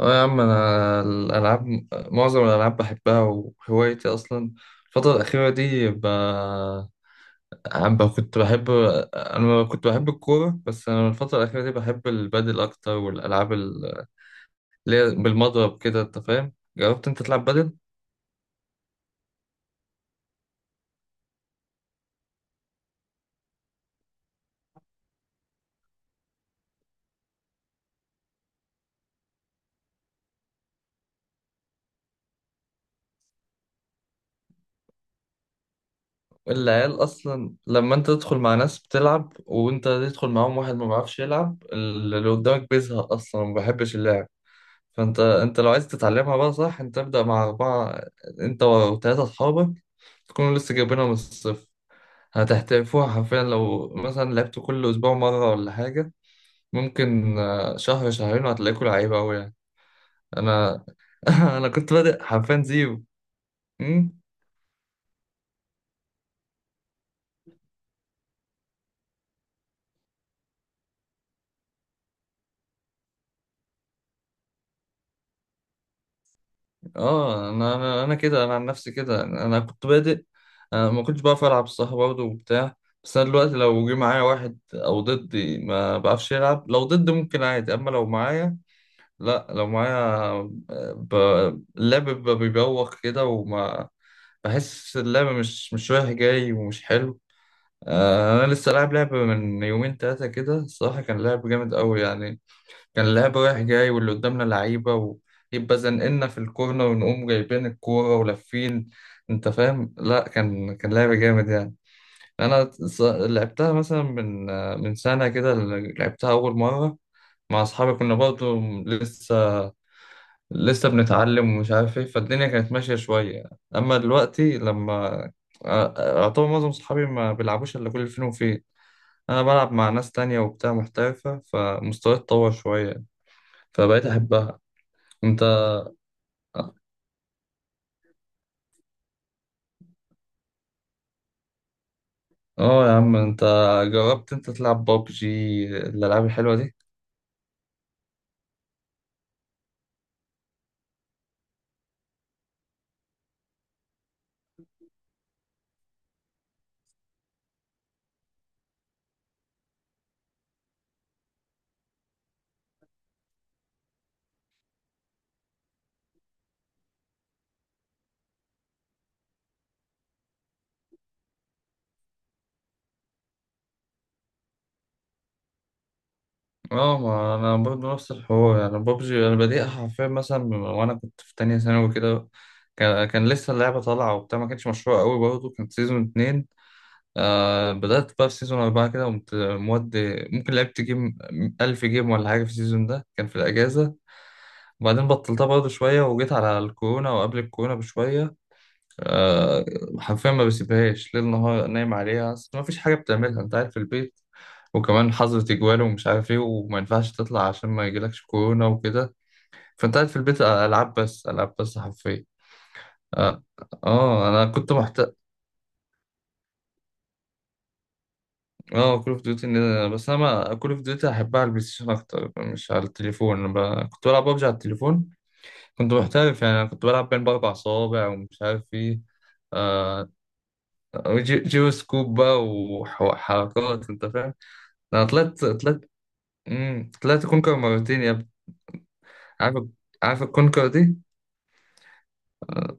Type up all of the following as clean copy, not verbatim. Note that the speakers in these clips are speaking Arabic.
اه يا عم انا الالعاب، معظم الالعاب بحبها، وهوايتي اصلا. الفتره الاخيره دي كنت بحب، انا كنت بحب الكوره، بس انا الفتره الاخيره دي بحب البادل اكتر، والالعاب اللي هي بالمضرب كده، انت فاهم؟ جربت انت تلعب بادل؟ العيال اصلا لما انت تدخل مع ناس بتلعب، وانت تدخل معاهم واحد ما بيعرفش يلعب، اللي قدامك بيزهق اصلا، ما بيحبش اللعب. فانت لو عايز تتعلمها بقى صح، انت ابدأ مع اربعة، انت وثلاثة اصحابك، تكونوا لسه جايبينها من الصفر. هتحترفوها حرفيا، لو مثلا لعبتوا كل اسبوع مرة ولا حاجة، ممكن شهر شهرين وهتلاقيكوا لعيبة اوي يعني. انا انا كنت بادئ حرفيا زيرو. أمم، اه انا كده، انا عن نفسي كده، انا كنت بادئ، انا ما كنتش بعرف العب صح برضه وبتاع. بس انا دلوقتي لو جه معايا واحد او ضدي ما بعرفش يلعب، لو ضدي ممكن عادي، اما لو معايا، لا لو معايا ب... اللعب بيبقى بيبوخ كده، وما بحس اللعب مش رايح جاي ومش حلو. انا لسه لاعب لعبة من يومين تلاتة كده، الصراحة كان لعب جامد قوي يعني. كان اللعب رايح جاي، واللي قدامنا لعيبة، ويبقى زنقلنا في الكورنر، ونقوم جايبين الكورة ولافين، انت فاهم؟ لا كان لعب جامد يعني. انا لعبتها مثلا من من سنة كده، لعبتها اول مرة مع اصحابي، كنا برضه لسه لسه بنتعلم ومش عارف ايه، فالدنيا كانت ماشية شوية. اما دلوقتي لما اعتبر معظم صحابي ما بيلعبوش الا كل فين وفين، انا بلعب مع ناس تانية وبتاع محترفة، فمستواي اتطور شوية، فبقيت احبها. انت اه يا عم انت جربت انت تلعب بابجي؟ الالعاب الحلوة دي. اه ما انا برضه نفس الحوار يعني. بابجي انا بديتها حرفيا مثلا وانا كنت في تانية ثانوي كده، كان لسه اللعبة طالعة وبتاع، ما كانتش مشهورة قوي برضه، كانت سيزون اتنين. آه بدأت بقى في سيزون أربعة كده، قمت مودي ممكن لعبت جيم، ألف جيم ولا حاجة في السيزون ده، كان في الأجازة. وبعدين بطلتها برضه شوية، وجيت على الكورونا وقبل الكورونا بشوية. آه حرفيا ما بسيبهاش ليل نهار، نايم عليها، أصل ما فيش حاجة بتعملها، أنت قاعد في البيت، وكمان حظر تجوال ومش عارف ايه، وما ينفعش تطلع عشان ما يجيلكش كورونا وكده، فانت قاعد في البيت العاب بس، العاب بس حرفيا. اه, آه اه كول اوف ديوتي، بس انا ما كول اوف ديوتي احبها على البلاي ستيشن اكتر، مش على التليفون. أنا كنت بلعب ببجي على التليفون، كنت محترف يعني. أنا كنت بلعب بين باربع صوابع ومش عارف ايه، آه... جيرو سكوب بقى، وحركات انت فاهم. انا طلعت كونكر مرتين يا ابني. عارف؟ عارف الكونكر دي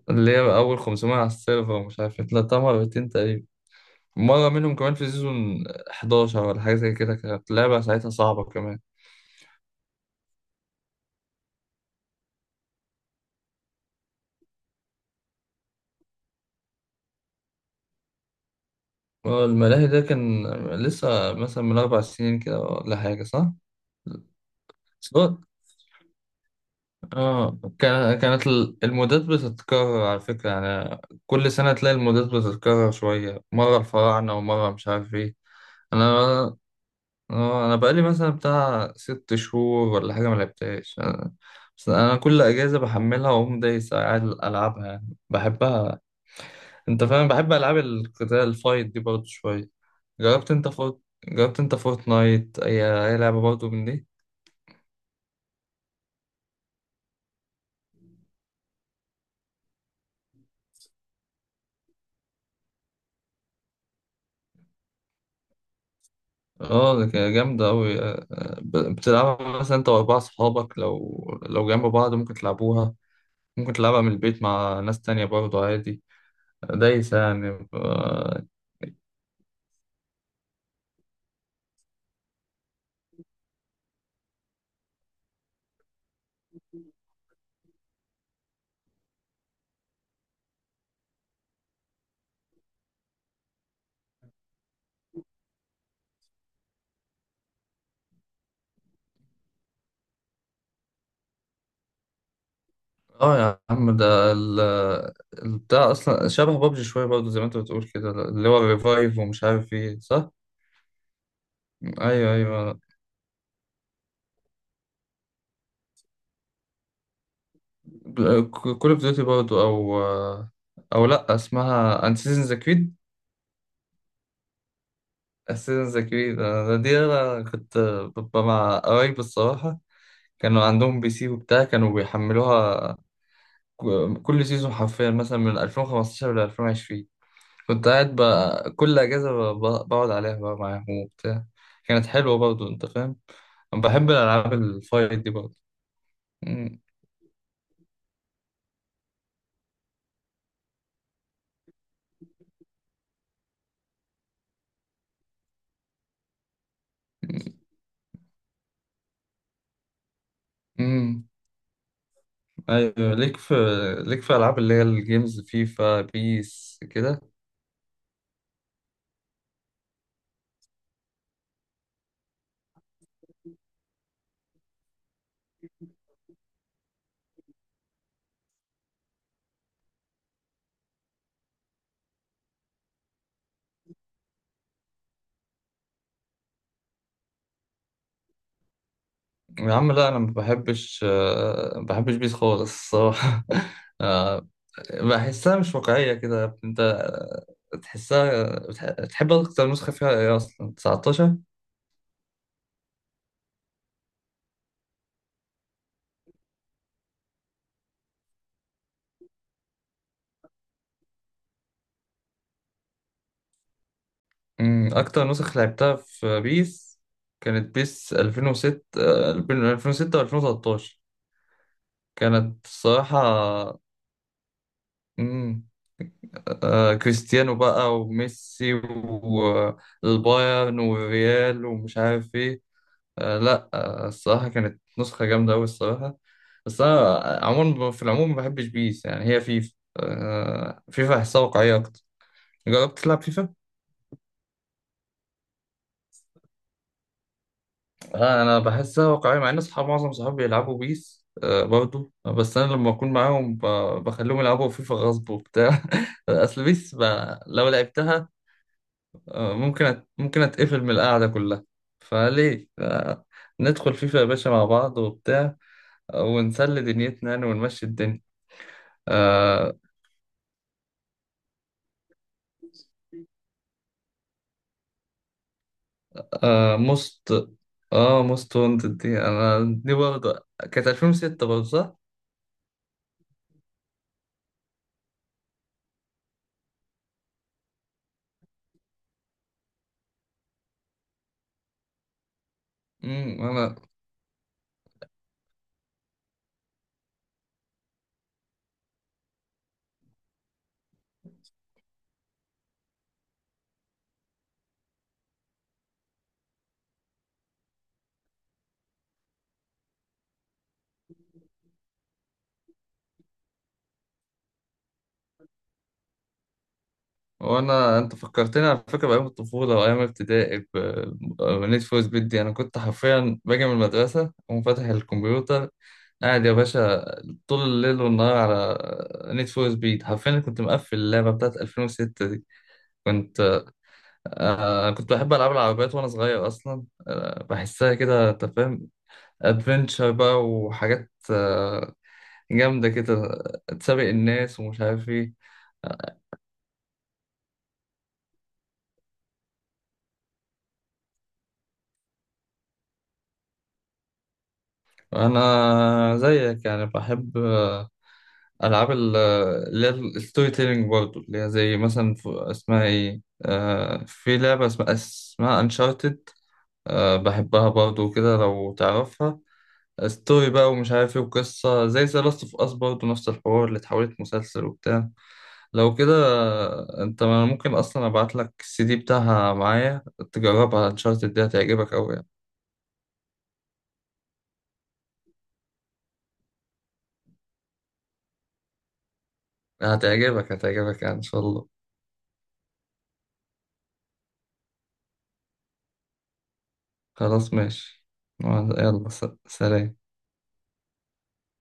اللي هي اول 500 على السيرفر ومش عارف إيه، طلعتها مرتين تقريبا، مرة منهم كمان في سيزون 11 ولا حاجة زي كده، كانت لعبة ساعتها صعبة كمان. الملاهي ده كان لسه مثلا من أربع سنين كده ولا حاجة صح؟ صوت. اه المودات بتتكرر على فكرة يعني، كل سنة تلاقي المودات بتتكرر شوية، مرة الفراعنة ومرة مش عارف ايه. أنا اه، أنا بقالي مثلا بتاع ست شهور ولا حاجة ملعبتهاش، أنا بس أنا كل أجازة بحملها وأقوم دايس قاعد ألعبها، يعني بحبها. أنت فاهم بحب ألعاب القتال الفايت دي برضه شوية. جربت انت فورت جربت انت فورتنايت؟ اي لعبه برضه من دي. اه ده كان جامده قوي، بتلعبها مثلا انت واربعه صحابك، لو جنب بعض ممكن تلعبوها، ممكن تلعبها من البيت مع ناس تانية برضه عادي، دايسة يعني اه. آه يا عم ده البتاع اصلا شبه بابجي شوية برضه، زي ما انت بتقول كده، اللي هو الريفايف ومش عارف ايه صح؟ ايوه كول اوف ديوتي برضه او او لا اسمها انسيزن ذا. اساسنز كريد، انا دي انا كنت ببقى مع قرايبي الصراحه، كانوا عندهم بي سي وبتاع، كانوا بيحملوها كل سيزون حرفيا، مثلا من 2015 ل 2020، كنت قاعد بقى كل اجازه، بقعد عليها بقى معاهم وبتاع، كانت حلوه برضه انت فاهم. انا بحب الالعاب الفايت دي برضه. أمم، أمم، ايوه ليك في، ليك في العاب اللي هي الجيمز فيفا بيس كده؟ يا عم لا انا ما بحبش، ما بحبش بيس خالص الصراحه. آه، بحسها مش واقعيه كده. انت تحسها بتحب اكتر نسخه فيها ايه اصلا؟ 19؟ اكتر نسخ لعبتها في بيس كانت بيس 2006، 2006 و2013، كانت الصراحه أمم، آه، كريستيانو بقى وميسي والبايرن والريال ومش عارف ايه. آه لا آه الصراحة كانت نسخة جامدة أوي الصراحة. بس أنا عموما في العموم ما بحبش بيس يعني، هي فيفا، آه فيفا أحسها واقعية أكتر. جربت تلعب فيفا؟ آه أنا بحسها واقعية، مع إن معظم صحابي بيلعبوا بيس آه برضو، بس أنا لما أكون معاهم بخليهم يلعبوا فيفا غصب وبتاع. أصل بيس لو لعبتها آه ممكن أتقفل من القعدة كلها، فليه؟ آه ندخل فيفا يا باشا مع بعض وبتاع، ونسلي دنيتنا يعني ونمشي الدنيا. آه، موست، اه موست وانتد دي انا دي برضه كانت 2006 برضه صح؟ انا، وانا انت فكرتني على فكره بايام الطفوله وايام ابتدائي. بنيت فور سبيد دي انا كنت حرفيا باجي من المدرسه اقوم فاتح الكمبيوتر، قاعد يا باشا طول الليل والنهار على نيد فور سبيد، حرفيا كنت مقفل اللعبه بتاعت 2006 دي. كنت آه كنت بحب العاب العربيات وانا صغير اصلا، آه بحسها كده انت فاهم، ادفنتشر بقى وحاجات جامدة كده، تسابق الناس ومش عارف ايه. انا زيك يعني بحب العاب اللي هي الستوري تيلينج برضه، اللي هي زي مثلا ف- اسمها ايه آه، في لعبة اسمها انشارتد، بحبها برضه كده لو تعرفها. ستوري بقى ومش عارف ايه وقصة، زي ذا لاست اوف اس برضه نفس الحوار، اللي اتحولت مسلسل وبتاع. لو كده انت ممكن اصلا ابعت لك السي دي بتاعها معايا تجربها، انشارتد دي هتعجبك قوي. هتعجبك يعني ان شاء الله. خلاص ماشي. يلا سلام.